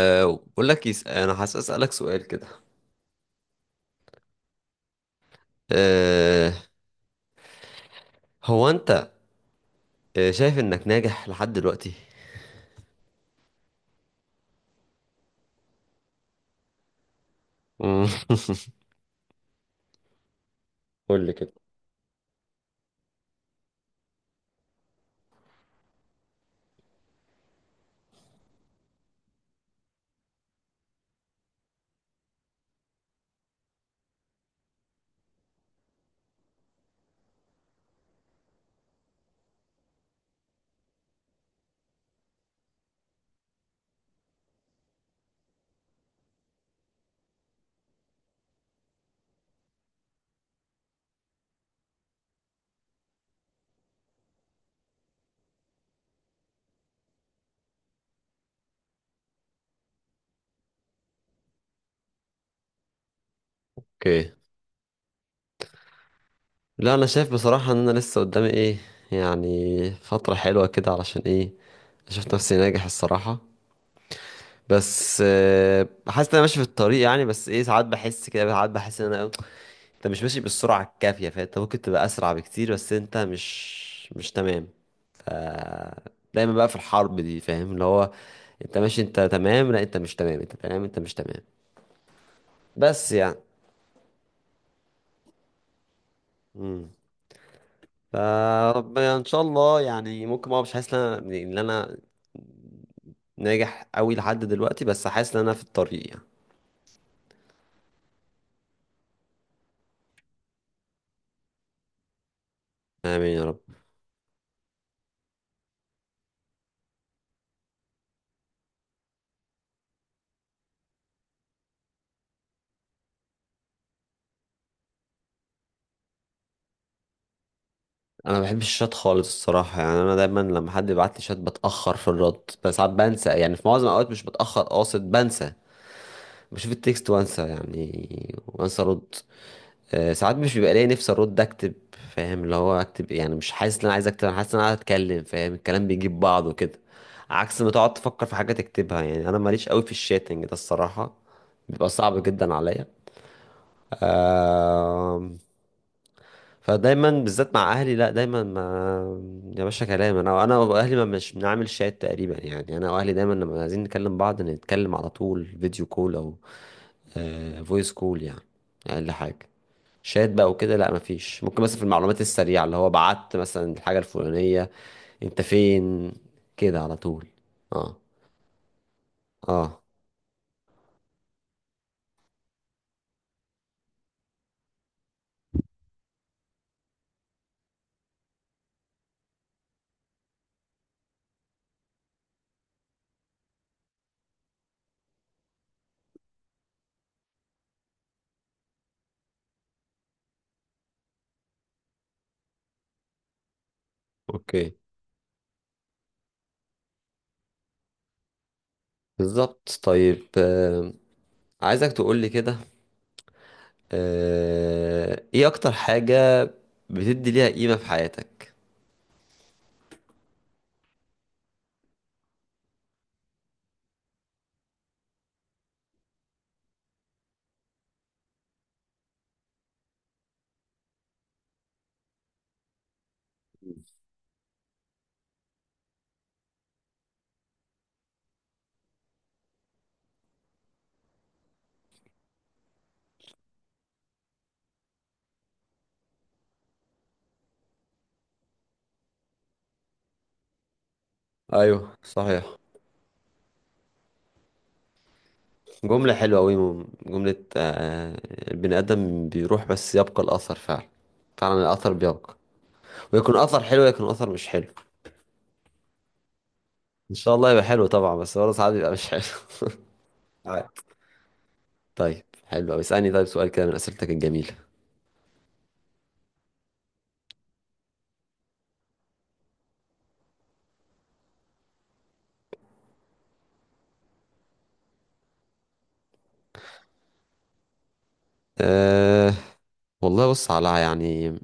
أو بقول لك، انا حاسس اسالك سؤال كده. أه... هو انت، شايف انك ناجح لحد دلوقتي؟ مم. قول لي كده. اوكي. لا، انا شايف بصراحه ان انا لسه قدامي ايه، يعني فتره حلوه كده. علشان ايه؟ شفت نفسي ناجح الصراحه. بس حاسس ان انا ماشي في الطريق يعني، بس ايه، ساعات بحس كده، ساعات بحس ان انا إيه، انت مش ماشي بالسرعة الكافية، فانت ممكن تبقى اسرع بكتير، بس انت مش تمام. ف دايما بقى في الحرب دي، فاهم؟ اللي هو انت ماشي، انت تمام، لا انت مش تمام، انت تمام، انت مش تمام. بس يعني. امم فربنا ان شاء الله يعني، ممكن، ما مش حاسس ان انا ناجح قوي لحد دلوقتي، بس حاسس ان انا في الطريق يعني. امين يا رب. انا ما بحبش الشات خالص الصراحه. يعني انا دايما لما حد يبعت لي شات بتاخر في الرد، بس ساعات بنسى، يعني في معظم الاوقات مش بتاخر قاصد، بنسى. بشوف التكست وانسى، يعني وانسى ارد. ساعات مش بيبقى ليا نفسي ارد اكتب. فاهم؟ اللي هو اكتب يعني، مش حاسس ان انا عايز اكتب، انا حاسس ان انا عايز اتكلم. فاهم؟ الكلام بيجيب بعضه كده، عكس ما تقعد تفكر في حاجه تكتبها. يعني انا ماليش قوي في الشاتنج ده الصراحه، بيبقى صعب جدا عليا. آم، فدايما، بالذات مع اهلي، لا دايما، ما يا باشا كلام، انا واهلي ما مش بنعمل شات تقريبا يعني. انا واهلي دايما لما عايزين نكلم بعض نتكلم على طول فيديو كول او فويس كول، يعني اقل حاجه. شات بقى وكده لا، مفيش. ممكن مثلا في المعلومات السريعه، اللي هو بعت مثلا الحاجه الفلانيه، انت فين، كده على طول. اه، اه، اوكي، بالظبط. طيب، عايزك تقولي كده. ايه اكتر حاجه بتدي ليها قيمه في حياتك؟ ايوه صحيح. جمله حلوه قوي، جمله. البني ادم بيروح بس يبقى الاثر، فعلا. فعلا الاثر بيبقى، ويكون اثر حلو، يكون اثر مش حلو. ان شاء الله يبقى حلو طبعا، بس برضه ساعات بيبقى مش حلو. عادي. طيب حلو قوي. اسالني طيب سؤال كده من اسئلتك الجميله. أه والله بص، على يعني،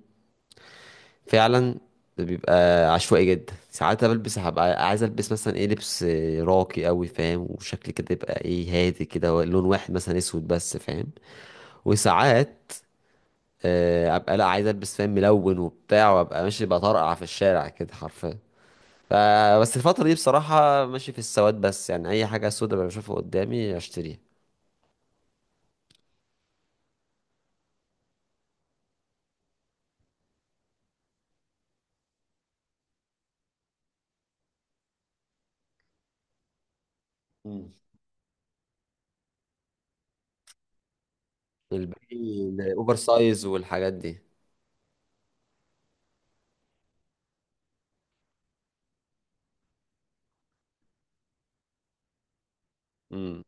فعلا بيبقى عشوائي جدا. ساعات بلبس هبقى عايز البس مثلا ايه، لبس راقي قوي، فاهم؟ وشكل كده يبقى ايه، هادي كده، لون واحد مثلا اسود بس، فاهم. وساعات ابقى لا، عايز البس، فاهم، ملون وبتاع، وابقى ماشي بطرقع في الشارع كده حرفيا. ف- بس الفترة دي بصراحة ماشي في السواد بس، يعني أي حاجة سودة بشوفها قدامي أشتريها. امم الباقي الأوفر سايز والحاجات دي. امم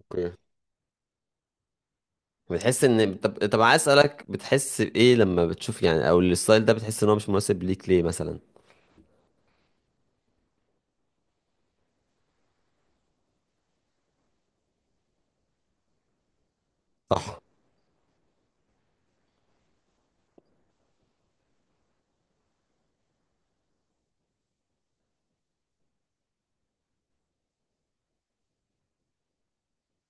اوكي. بتحس ان طب عايز اسالك، بتحس بايه لما بتشوف، يعني او الستايل ده بتحس ان هو مش مناسب ليك ليه مثلا؟ صح.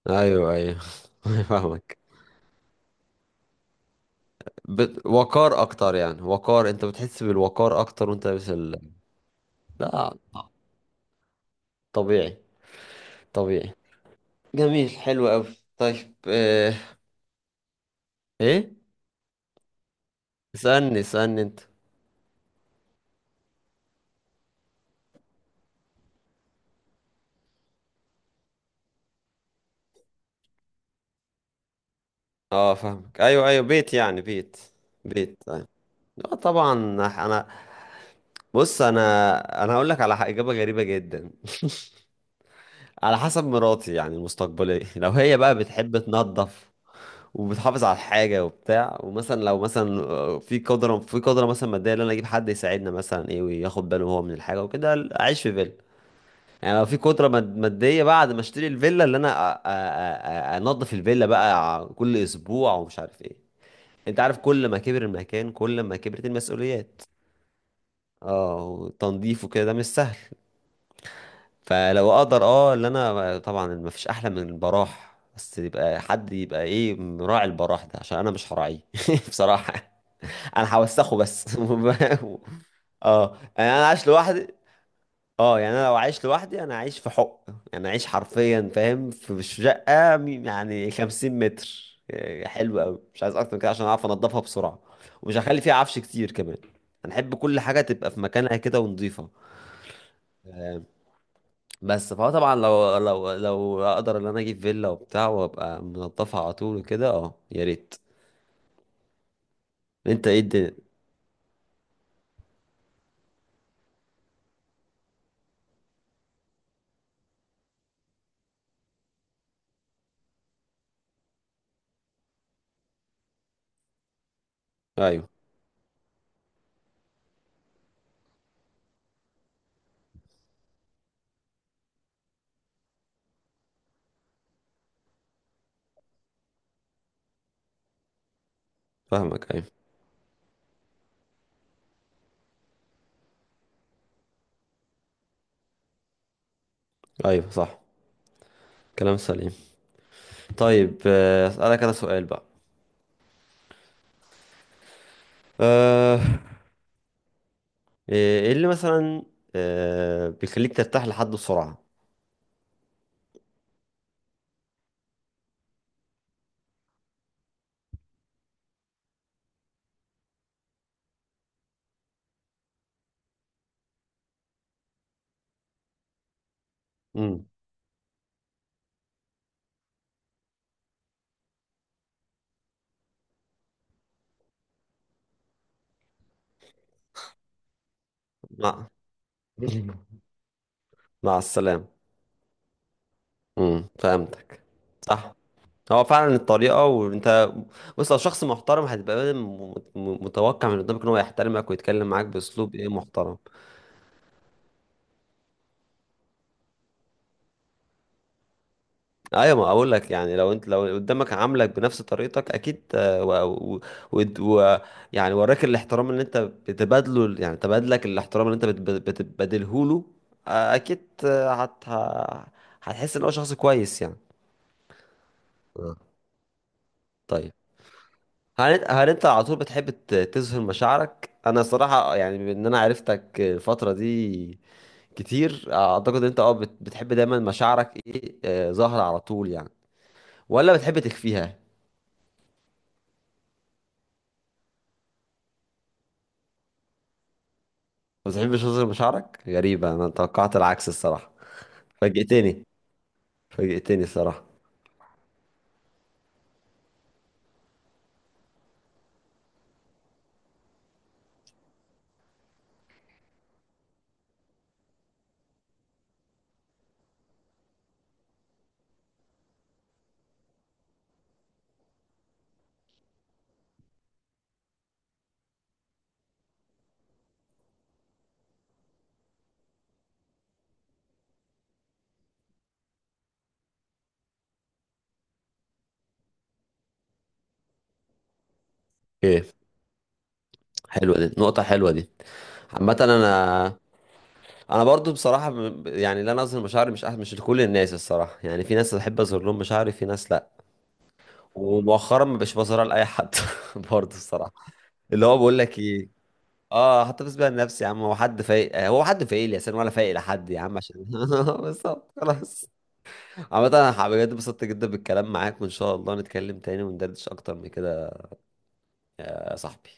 ايوه، ايوه. فاهمك. وقار اكتر، يعني وقار. انت بتحس بالوقار اكتر وانت لابس لا، طبيعي، طبيعي. جميل، حلو قوي. طيب، ايه؟ اسالني، اسالني انت. اه، فاهمك، ايوه، ايوه، بيت، يعني بيت، بيت أيوة. اه طبعا. انا، بص، انا هقول لك على اجابه غريبه جدا، على حسب مراتي يعني، المستقبليه. لو هي بقى بتحب تنظف، وبتحافظ على الحاجه وبتاع، ومثلا لو مثلا، في قدره مثلا ماديه، ان انا اجيب حد يساعدنا مثلا ايه، وياخد باله هو من الحاجه وكده، اعيش في فيلا. يعني لو في قدره ماديه، بعد ما اشتري الفيلا اللي انا، انضف الفيلا بقى كل اسبوع ومش عارف ايه. انت عارف، كل ما كبر المكان كل ما كبرت المسؤوليات. اه، وتنظيفه كده، ده مش سهل. فلو اقدر، اللي انا طبعا، ما فيش احلى من البراح، بس يبقى حد يبقى ايه، مراعي البراح ده، عشان انا مش هراعيه. بصراحة انا هوسخه بس. اه يعني انا عايش لوحدي. اه يعني انا لو عايش لوحدي، انا عايش في حق، يعني عايش حرفيا، فاهم، في شقه يعني 50 متر. يعني حلو قوي، مش عايز اكتر من كده عشان اعرف انضفها بسرعه. ومش هخلي فيها عفش كتير كمان. انا احب كل حاجه تبقى في مكانها كده، ونضيفه. بس فهو طبعا، لو اقدر ان انا اجيب فيلا وبتاع وابقى منضفها على طول وكده، اه يا ريت. انت ايه الدنيا؟ ايوه، فاهمك، ايوه، ايوه، صح، كلام سليم. طيب، اسالك انا سؤال بقى. آه، إيه اللي مثلا بيخليك ترتاح لحد بسرعة؟ امم مع مع السلامة. فهمتك. صح. هو فعلا الطريقة. وانت بص، لو شخص محترم، هتبقى متوقع من قدامك ان هو يحترمك ويتكلم معاك باسلوب ايه، محترم. ايوه، ما اقول لك يعني، لو قدامك عاملك بنفس طريقتك اكيد، و... ود- و... يعني وراك الاحترام اللي انت بتبادله، يعني تبادلك الاحترام اللي انت بتبادله له. اكيد، هتحس ان هو شخص كويس يعني آه. طيب، هل انت على طول بتحب تظهر مشاعرك؟ انا صراحة يعني، بما ان انا عرفتك الفترة دي كتير، اعتقد انت بتحب دايما مشاعرك ايه، ظاهرة على طول يعني، ولا بتحب تخفيها؟ ما بتحبش وزن بشعرك؟ غريبة، أنا توقعت العكس الصراحة. فاجئتني، فاجئتني الصراحة. إيه، حلوة دي، نقطة حلوة دي. عامة أنا برضو بصراحة، يعني لا، أنا أظهر مشاعري مش لكل الناس الصراحة، يعني في ناس بحب أظهر لهم مشاعري، في ناس لأ. ومؤخرا ما بقتش بظهرها لأي حد. برضو الصراحة. اللي هو بقول لك إيه، اه حتى بس بقى لنفسي يا عم. هو حد فايق لي يا سن، ولا فايق لحد، يا عم عشان بالظبط، خلاص. عامة انا بجد اتبسطت جدا بالكلام معاك، وان شاء الله نتكلم تاني وندردش اكتر من كده يا صاحبي.